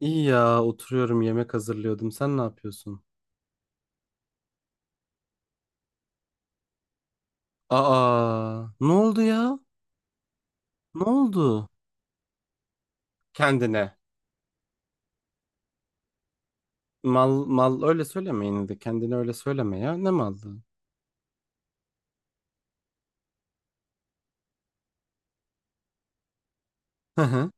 İyi ya oturuyorum yemek hazırlıyordum. Sen ne yapıyorsun? Aa, ne oldu ya? Ne oldu? Kendine. Mal mal öyle söyleme yine de kendine öyle söyleme ya. Ne malı? Hı hı.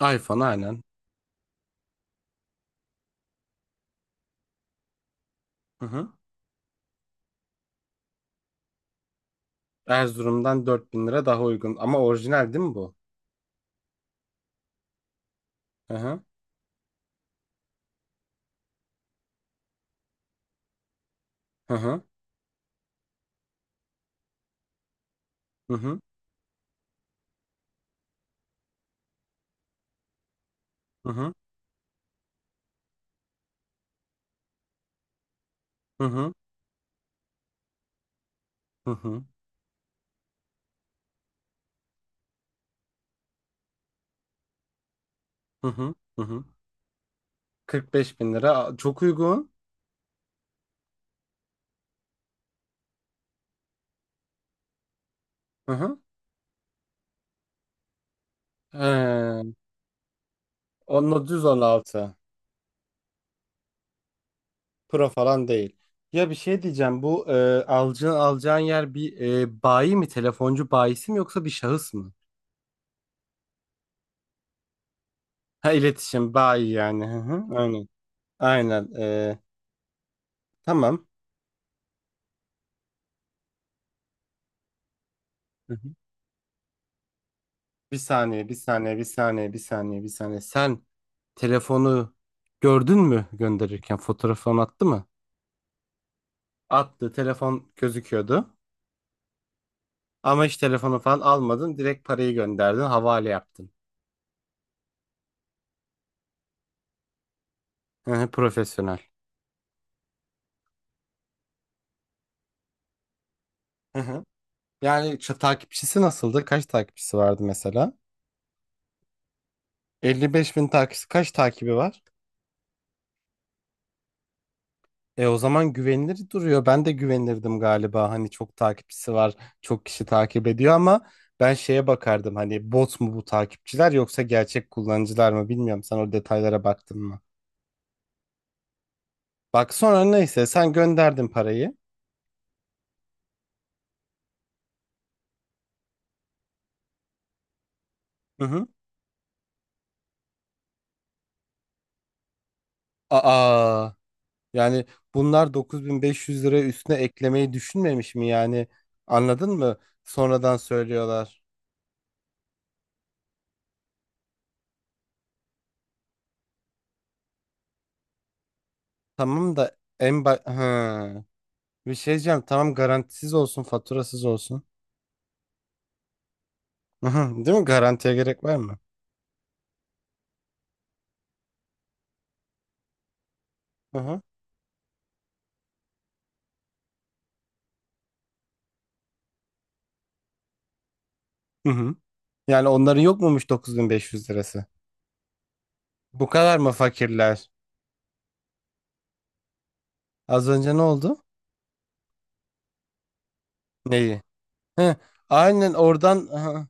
iPhone aynen. Hı hı. Erzurum'dan 4.000 lira daha uygun ama orijinal değil mi bu? Hı hı. Hı hı. Hı hı. Hı hı. Hı hı. Hı hı. Hı hı. Hı hı. 45 bin lira. Aa, çok uygun. Hı hı. Ee, Onunla düz 16. Pro falan değil. Ya bir şey diyeceğim. Bu alacağın yer bir bayi mi? Telefoncu bayisi mi yoksa bir şahıs mı? Ha iletişim bayi yani. Hı hı, aynen. Aynen. Tamam. Hı hı. Bir saniye, bir saniye, bir saniye, bir saniye, bir saniye. Sen telefonu gördün mü gönderirken? Fotoğrafını attı mı? Attı. Telefon gözüküyordu. Ama hiç telefonu falan almadın. Direkt parayı gönderdin. Havale yaptın. Hı hı, profesyonel. Yani takipçisi nasıldı? Kaç takipçisi vardı mesela? 55 bin takipçisi kaç takibi var? E o zaman güvenilir duruyor. Ben de güvenirdim galiba. Hani çok takipçisi var, çok kişi takip ediyor ama ben şeye bakardım. Hani bot mu bu takipçiler yoksa gerçek kullanıcılar mı bilmiyorum. Sen o detaylara baktın mı? Bak sonra neyse sen gönderdin parayı. Hı hı. Aa, yani bunlar 9.500 lira üstüne eklemeyi düşünmemiş mi yani? Anladın mı? Sonradan söylüyorlar. Tamam da en ba ha. Bir şey diyeceğim. Tamam garantisiz olsun, faturasız olsun. Hı hı, değil mi? Garantiye gerek var mı? Hı hı. Hı hı. Yani onların yok muymuş 9.500 lirası? Bu kadar mı fakirler? Az önce ne oldu? Neyi? Hı. Aynen oradan hı.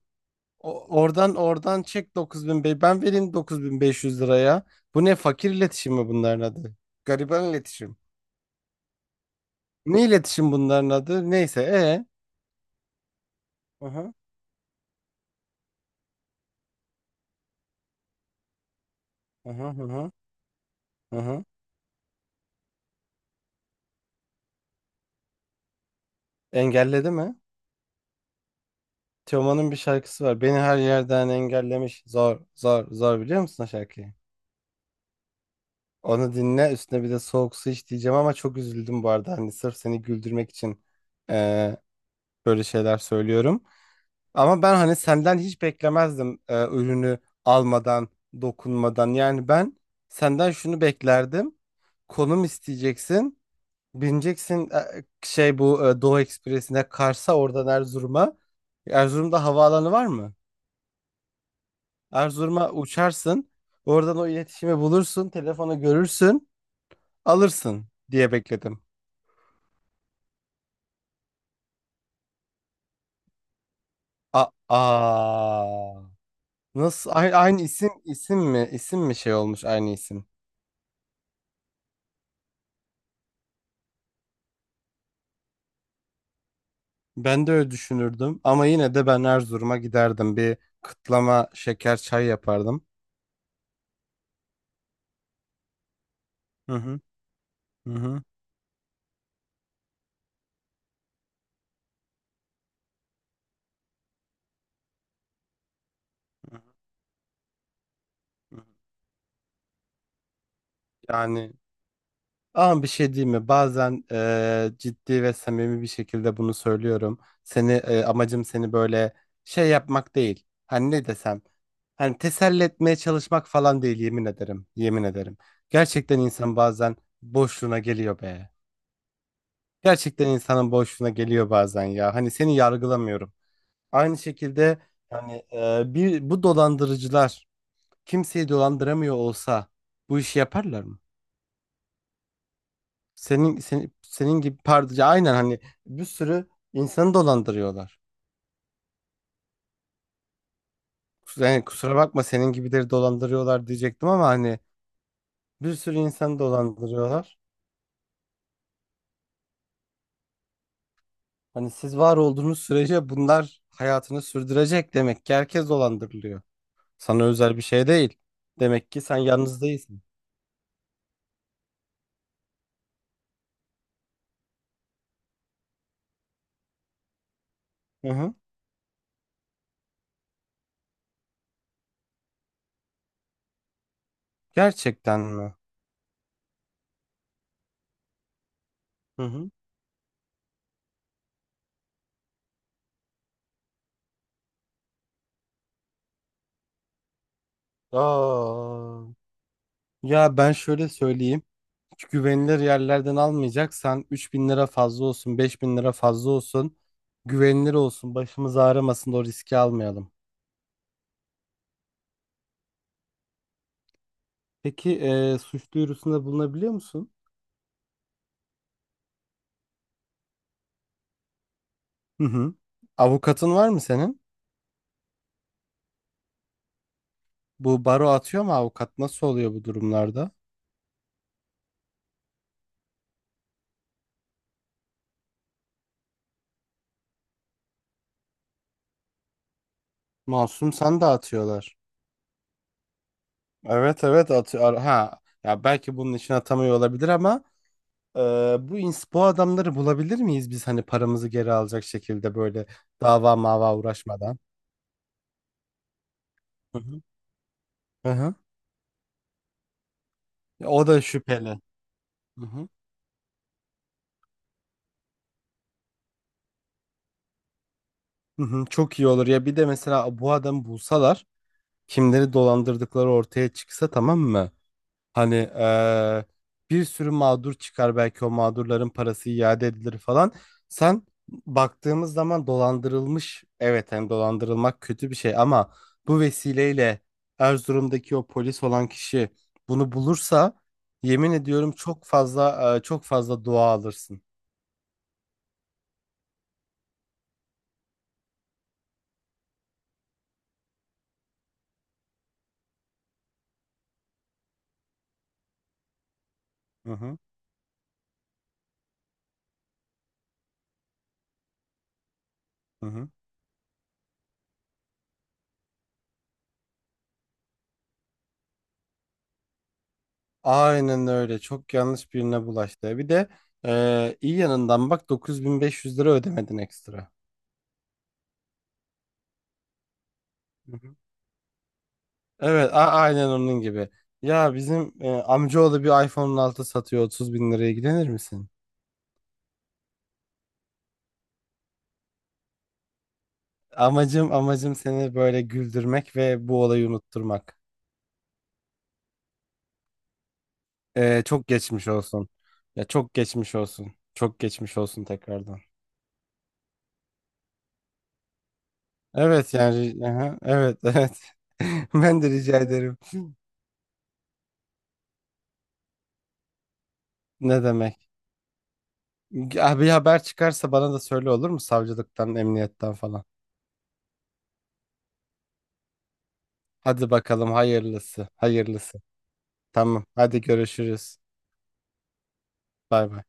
Oradan çek 9.000 ben vereyim 9.500 liraya. Bu ne fakir iletişim mi bunların adı? Gariban iletişim. Ne iletişim bunların adı? Neyse. Hı hı. Hı hı hı hı. Hı hı. Engelledi mi? Teoman'ın bir şarkısı var. Beni her yerden engellemiş. Zor, zor, zor biliyor musun o şarkıyı? Onu dinle üstüne bir de soğuk su iç diyeceğim ama çok üzüldüm bu arada. Hani sırf seni güldürmek için eee, böyle şeyler söylüyorum. Ama ben hani senden hiç beklemezdim ürünü almadan, dokunmadan. Yani ben senden şunu beklerdim. Konum isteyeceksin. Bineceksin şey bu Doğu Ekspresi'ne Kars'a oradan Erzurum'a. Erzurum'da havaalanı var mı? Erzurum'a uçarsın. Oradan o iletişimi bulursun. Telefonu görürsün. Alırsın diye bekledim. A Aa, nasıl aynı isim isim mi isim mi şey olmuş aynı isim. Ben de öyle düşünürdüm ama yine de ben Erzurum'a giderdim. Bir kıtlama şeker çay yapardım. Hı hı. Hı hı. Yani ama bir şey diyeyim mi? Bazen ciddi ve samimi bir şekilde bunu söylüyorum. Seni amacım seni böyle şey yapmak değil. Hani ne desem. Hani teselli etmeye çalışmak falan değil yemin ederim. Yemin ederim. Gerçekten insan bazen boşluğuna geliyor be. Gerçekten insanın boşluğuna geliyor bazen ya. Hani seni yargılamıyorum. Aynı şekilde hani bu dolandırıcılar kimseyi dolandıramıyor olsa bu işi yaparlar mı? Senin gibi pardon aynen hani bir sürü insanı dolandırıyorlar. Yani kusura bakma senin gibileri dolandırıyorlar diyecektim ama hani bir sürü insanı dolandırıyorlar. Hani siz var olduğunuz sürece bunlar hayatını sürdürecek demek ki herkes dolandırılıyor. Sana özel bir şey değil. Demek ki sen yalnız değilsin. Hı hı. Gerçekten mi? Hı hı. Aa. Ya ben şöyle söyleyeyim. Hiç güvenilir yerlerden almayacaksan 3.000 lira fazla olsun, 5.000 lira fazla olsun. Güvenilir olsun, başımız ağrımasın da o riski almayalım. Peki suç duyurusunda bulunabiliyor musun? Hı hı. Avukatın var mı senin? Bu baro atıyor mu avukat? Nasıl oluyor bu durumlarda? Masum sen de atıyorlar. Evet evet atıyor. Ha ya belki bunun için atamıyor olabilir ama e, bu adamları bulabilir miyiz biz hani paramızı geri alacak şekilde böyle dava mava uğraşmadan? Hı hı. Hı hı. Ya o da şüpheli. Hı hı. Hı hı. Çok iyi olur ya bir de mesela bu adamı bulsalar kimleri dolandırdıkları ortaya çıksa tamam mı? Hani bir sürü mağdur çıkar belki o mağdurların parası iade edilir falan. Sen baktığımız zaman dolandırılmış evet hem dolandırılmak kötü bir şey ama bu vesileyle Erzurum'daki o polis olan kişi bunu bulursa yemin ediyorum çok fazla çok fazla dua alırsın. Hı hı, hı hı. Aynen öyle çok yanlış birine bulaştı. Bir de iyi yanından bak 9.500 lira ödemedin ekstra. Hı hı. Evet, aynen onun gibi. Ya bizim amcaoğlu bir iPhone'un 6 satıyor 30 bin liraya ilgilenir misin? Amacım seni böyle güldürmek ve bu olayı unutturmak. E, çok geçmiş olsun. Ya çok geçmiş olsun. Çok geçmiş olsun tekrardan. Evet yani aha, evet evet. Ben de rica ederim. Ne demek? Ya bir haber çıkarsa bana da söyle olur mu? Savcılıktan, emniyetten falan. Hadi bakalım hayırlısı, hayırlısı. Tamam. Hadi görüşürüz. Bay bay.